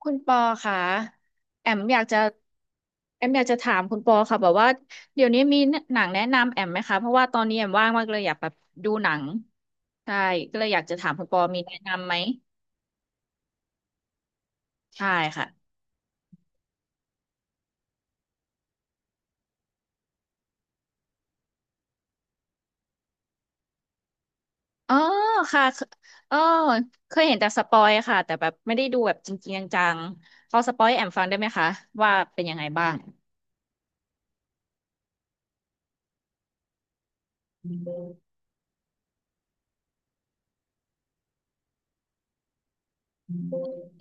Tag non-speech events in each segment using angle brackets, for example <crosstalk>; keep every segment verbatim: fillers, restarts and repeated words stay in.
คุณปอค่ะแอมอยากจะแอมอยากจะถามคุณปอค่ะแบบว่าเดี๋ยวนี้มีหนังแนะนำแอมไหมคะเพราะว่าตอนนี้แอมว่างมากเลยอยากแบบดูหนังใช่ก็เลยอยากจะถามคุณปอมีแนะนำไหมใช่ค่ะอ๋อค่ะเออเคยเห็นแต่สปอยค่ะแต่แบบไม่ได้ดูแบบจริงๆจังๆพอสปอยให้แอมฟังได้ไหมคะว่าเป็นยังไงบ้าง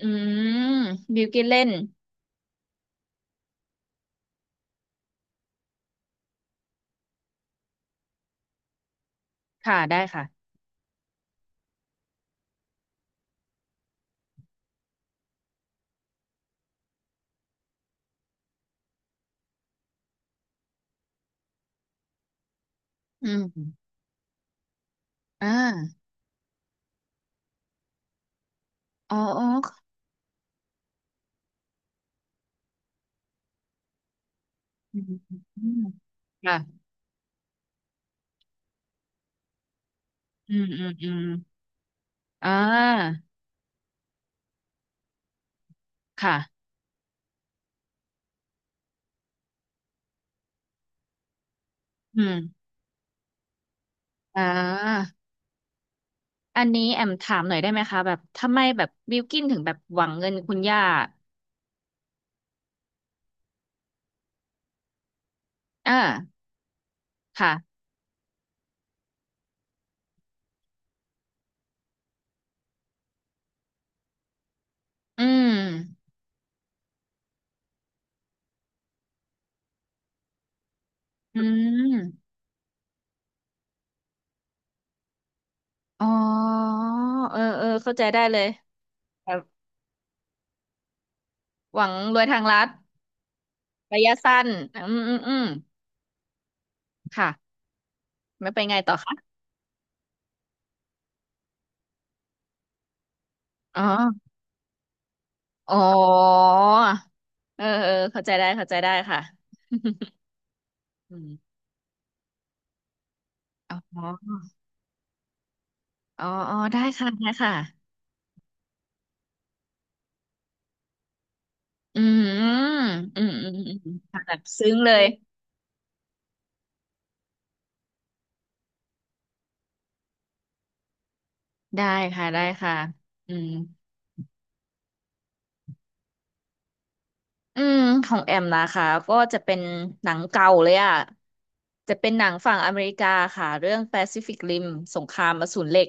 อืมบิวกินเล่นค่ะได้ค่ะอืมอ่าอ๋อ อืมอืมค่ะอืมอืมอืมอ่าค่ะอืมอ่าอันนี้แอมถามหน่อยได้ไหมคะ แบบทำไมแบบบิลกินถึงแบบหวังเงินคุณย่าอ่าค่ะอืม อืมอ๋อเออเออเข้าใจได้เลยแบบหวังรวยทางลัดระยะสั้นอืมอืมอืมค่ะ ไม่ไปนไงต่อคะอ๋ออ๋อเออ เออเข้าใจได้เข้าใจได้ค่ะ <laughs> อืมอ๋อ อ๋ออ๋อได้ค่ะได้ค่ะอืมอืมอืมอืมอืมค่ะแบบซึ้งเลยได้ค่ะได้ค่ะอืมอืมของแอมนะคะก็จะเป็นหนังเก่าเลยอ่ะจะเป็นหนังฝั่งอเมริกาค่ะ เรื่อง Pacific Rim สงครามอสูรเหล็ก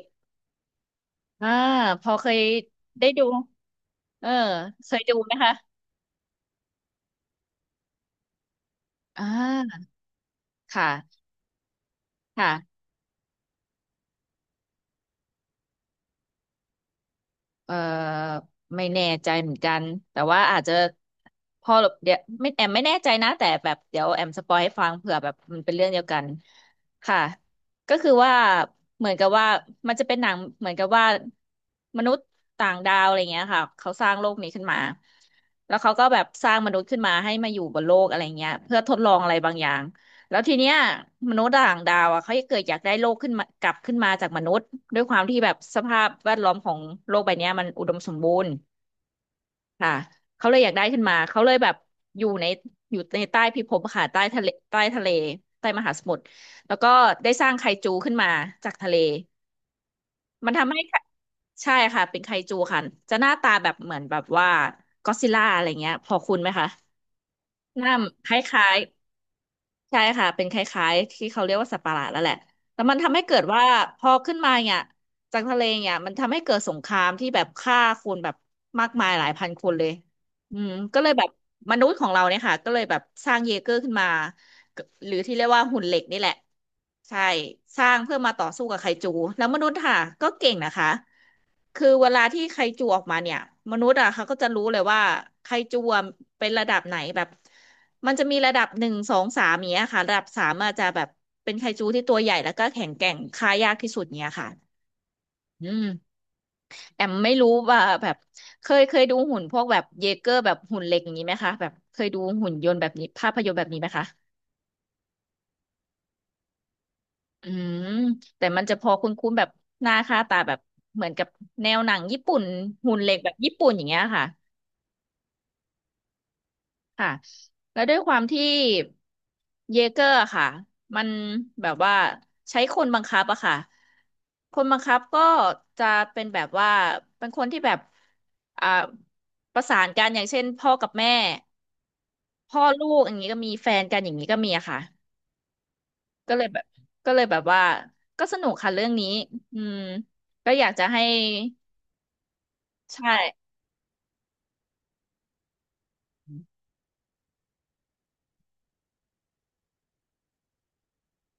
อ่าพอเคยได้ดูเออเคยดูไหมคะอ่าค่ะค่ะ เอ่อไม่แน่ใจเหมือนกันแต่ว่าอาจจะพอเดี๋ยวไม่แอมไม่แน่ใจนะแต่แบบเดี๋ยวแอมสปอยให้ฟังเผื่อแบบมันเป็นเรื่องเดียวกันค่ะก็คือว่าเหมือนกับว่ามันจะเป็นหนังเหมือนกับว่ามนุษย์ต่างดาวอะไรเงี้ยค่ะเขาสร้างโลกนี้ขึ้นมาแล้วเขาก็แบบสร้างมนุษย์ขึ้นมาให้มาอยู่บนโลกอะไรเงี้ยเพื่อทดลองอะไรบางอย่าง แล้วทีเนี้ยมนุษย์ต่างดาวอ่ะเขาเกิดอยากได้โลกขึ้นมากลับขึ้นมาจากมนุษย์ด้วยความที่แบบสภาพแวดล้อมของโลกใบเนี้ยมันอุดมสมบูรณ์ค่ะเขาเลยอยากได้ขึ้นมาเขาเลยแบบอยู่ในอยู่ในใต้พิภพค่ะใต้ทะเลใต้ทะเลใต้มหาสมุทรแล้วก็ได้สร้างไคจูขึ้นมาจากทะเลมันทำให้ใช่ค่ะเป็นไคจูค่ะจะหน้าตาแบบเหมือนแบบว่าก็อดซิลล่าอะไรเงี้ยพอคุ้นไหมคะหน้าคล้ายๆ ใช่ค่ะเป็นคล้ายๆที่เขาเรียกว่าสัตว์ประหลาดแล้วแหละแต่มันทำให้เกิดว่าพอขึ้นมาเนี่ยจากทะเลเนี่ยมันทำให้เกิดสงครามที่แบบฆ่าคนแบบมากมายหลายพันคนเลยอืมก็เลยแบบมนุษย์ของเราเนี่ยค่ะก็เลยแบบสร้างเยเกอร์ขึ้นมาหรือที่เรียกว่าหุ่นเหล็กนี่แหละใช่สร้างเพื่อมาต่อสู้กับไคจูแล้วมนุษย์ค่ะก็เก่งนะคะ คือเวลาที่ไคจูออกมาเนี่ยมนุษย์อ่ะเขาก็จะรู้เลยว่าไคจูอะเป็นระดับไหนแบบมันจะมีระดับหนึ่งสองสามเนี้ยค่ะระดับสามอาจจะแบบเป็นไคจูที่ตัวใหญ่แล้วก็แข็งแกร่งฆ่ายากที่สุดเนี้ยค่ะอืมแอมไม่รู้ว่าแบบเคยเคยดูหุ่นพวกแบบเยเกอร์แบบหุ่นเหล็กอย่างนี้ไหมคะแบบเคยดูหุ่นยนต์แบบนี้ภาพยนตร์แบบนี้ไหมคะอืมแต่มันจะพอคุ้นๆแบบหน้าค่าตาแบบเหมือนกับแนวหนังญี่ปุ่นหุ่นเหล็กแบบญี่ปุ่นอย่างเงี้ยค่ะ ค่ะแล้วด้วยความที่เยเกอร์ค่ะมันแบบว่าใช้คนบังคับอะค่ะคนบังคับก็จะเป็นแบบว่าเป็นคนที่แบบอ่าประสานกันอย่างเช่นพ่อกับแม่พ่อลูกอย่างนี้ก็มีแฟนกันอย่างนี้ก็มีอะค่ะก็เลยแบบก็เลยแบบว่าก็สนุกค่ะเรื่องนี้อืมก็อยากจะให้ใช่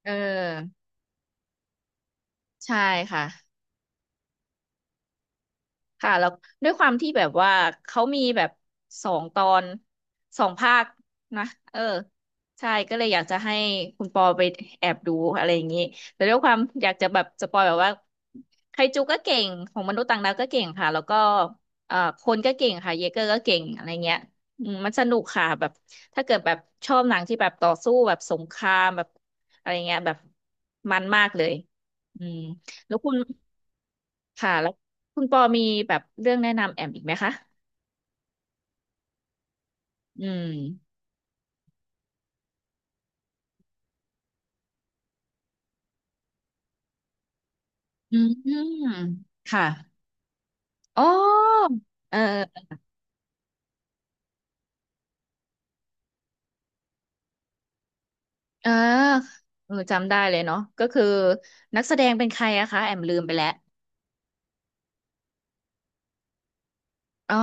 เออใช่ค่ะ ค่ะแล้วด้วยความที่แบบว่าเขามีแบบสองตอนสองภาคนะเออใช่ก็เลยอยากจะให้คุณปอไปแอบดูอะไรอย่างนี้แต่ด้วยความอยากจะแบบสปอยแบบว่าไคจูก็เก่งของมนุษย์ต่างดาวก็เก่งค่ะแล้วก็เอ่อคนก็เก่งค่ะเยเกอร์ก็เก่งอะไรเงี้ยอืมมันสนุกค่ะแบบถ้าเกิดแบบชอบหนังที่แบบต่อสู้แบบสงครามแบบอะไรเงี้ยแบบมันมากเลยอืมแล้วคุณ ค่ะแล้วคุณปอมีแบบเรื่องแนะนำแอมอีกไหมคะอืมอืมค่ะอ๋อเออเออเออจำได้เลยเนาะก็คือนักแสดงเป็นใครอะคะแอมลืมไปแล้วอ๋อ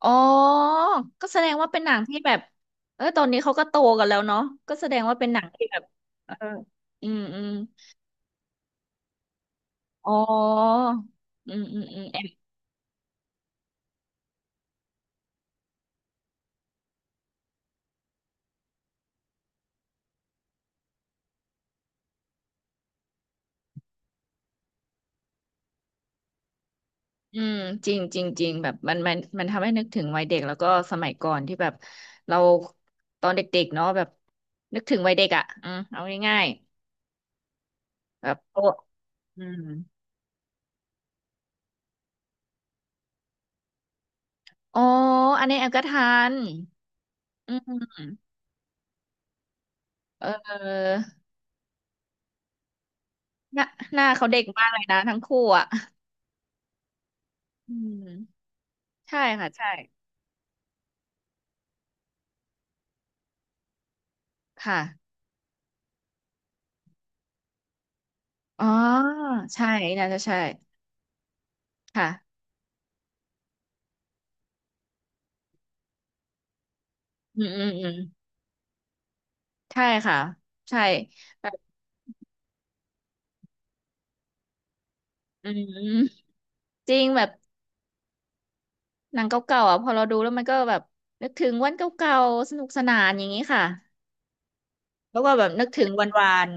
อ๋อก็แสดงว่าเป็นหนังที่แบบเออตอนนี้เขาก็โตกันแล้วเนาะก็แสดงว่าเป็นหนังที่แบบเอออืมอืมอ๋ออืมอืมอืมแอ อืมจริงจริงจริงแบบมันมันมันทำให้นึกถึงวัยเด็กแล้วก็สมัยก่อนที่แบบเราตอนเด็กๆเนาะแบบนึกถึงวัยเด็กอ่ะอืมเอาง่ายๆแบบโอ้อืมอ๋ออันนี้แอมก็ทันอืมเออหน้าหน้าเขาเด็กมากเลยนะทั้งคู่อ่ะอืมใช่ค่ะใช่ค่ะอ๋อใช่น่าจะใช่ค่ะอืมอืมอืมใช่ค่ะใช่แบบอืมจริงแบบ หนังเก่าๆอ่ะพอเราดูแล้วมันก็แบบนึกถึงวันเก่าๆสนุกสนานอย่างนี้ค่ะแล้วก็แบบนึกถึงวันวาน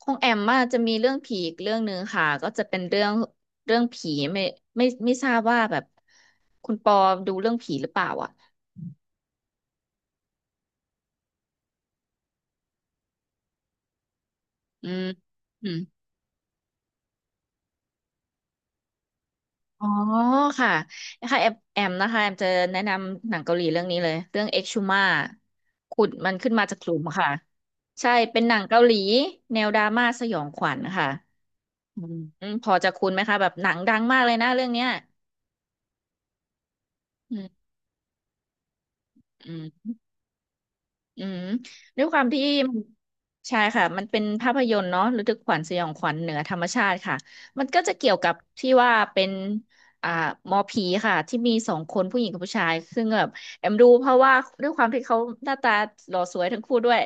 ของแอมมาจะมีเรื่องผีอีกเรื่องหนึ่งค่ะก็จะเป็นเรื่องเรื่องผีไม่ไม่ไม่ทราบว่าแบบคุณปอดูเรื่องผีหรือเปล่าอ่ะอืมอืมอ๋อค่ะนะคะแอมแอมนะคะแอมจะแนะนำหนังเกาหลีเรื่องนี้เลยเรื่องเอ็กชูมาขุดมันขึ้นมาจากหลุมค่ะใช่เป็นหนังเกาหลีแนวดราม่าสยองขวัญค่ะ อืมอืมพอจะคุ้นไหมคะแบบหนังดังมากเลยนะเรื่องเนี้ยอืมอืมอืมด้วยความที่ใช่ค่ะมันเป็นภาพยนตร์เนาะระทึกขวัญสยองขวัญเหนือธรรมชาติค่ะมันก็จะเกี่ยวกับที่ว่าเป็นอ่าหมอผีค่ะที่มีสองคนผู้หญิงกับผู้ชายซึ่งแบบแอมดูเพราะว่าด้วยความที่เขาหน้าตาหล่อสวยทั้งคู่ด้วย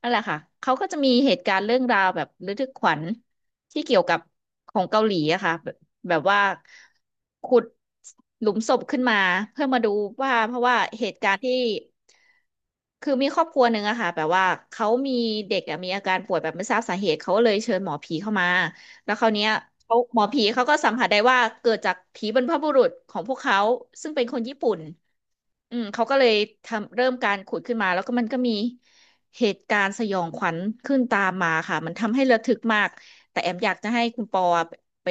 นั่นแหละค่ะ เขาก็จะมีเหตุการณ์เรื่องราวแบบระทึกขวัญที่เกี่ยวกับของเกาหลีอะค่ะแบบแบบว่าขุดหลุมศพขึ้นมาเพื่อมาดูว่าเพราะว่าเหตุการณ์ที่คือมีครอบครัวหนึ่งอะค่ะแบบว่าเขามีเด็กอะมีอาการป่วยแบบไม่ทราบสาเหตุเขาก็เลยเชิญหมอผีเข้ามาแล้วคราวเนี้ยเขาหมอผีเขาก็สัมผัสได้ว่าเกิดจากผีบรรพบุรุษของพวกเขาซึ่งเป็นคนญี่ปุ่น อืมเขาก็เลยทำเริ่มการขุดขึ้นมาแล้วก็มันก็มีเหตุการณ์สยองขวัญขึ้นตามมาค่ะมันทำให้ระทึกมากแต่แอมอยากจะให้คุณปอไป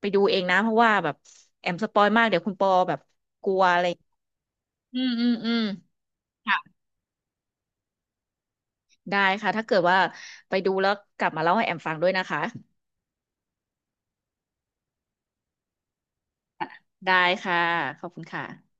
ไปดูเองนะเพราะว่าแบบแอมสปอยมากเดี๋ยวคุณปอแบบกลัวอะไรอืมอืมอืมค่ะได้ค่ะถ้าเกิดว่าไปดูแล้วกลับมาเล่าให้แอมฟังด้วยนะคะได้ค่ะขอบคุณค่ะ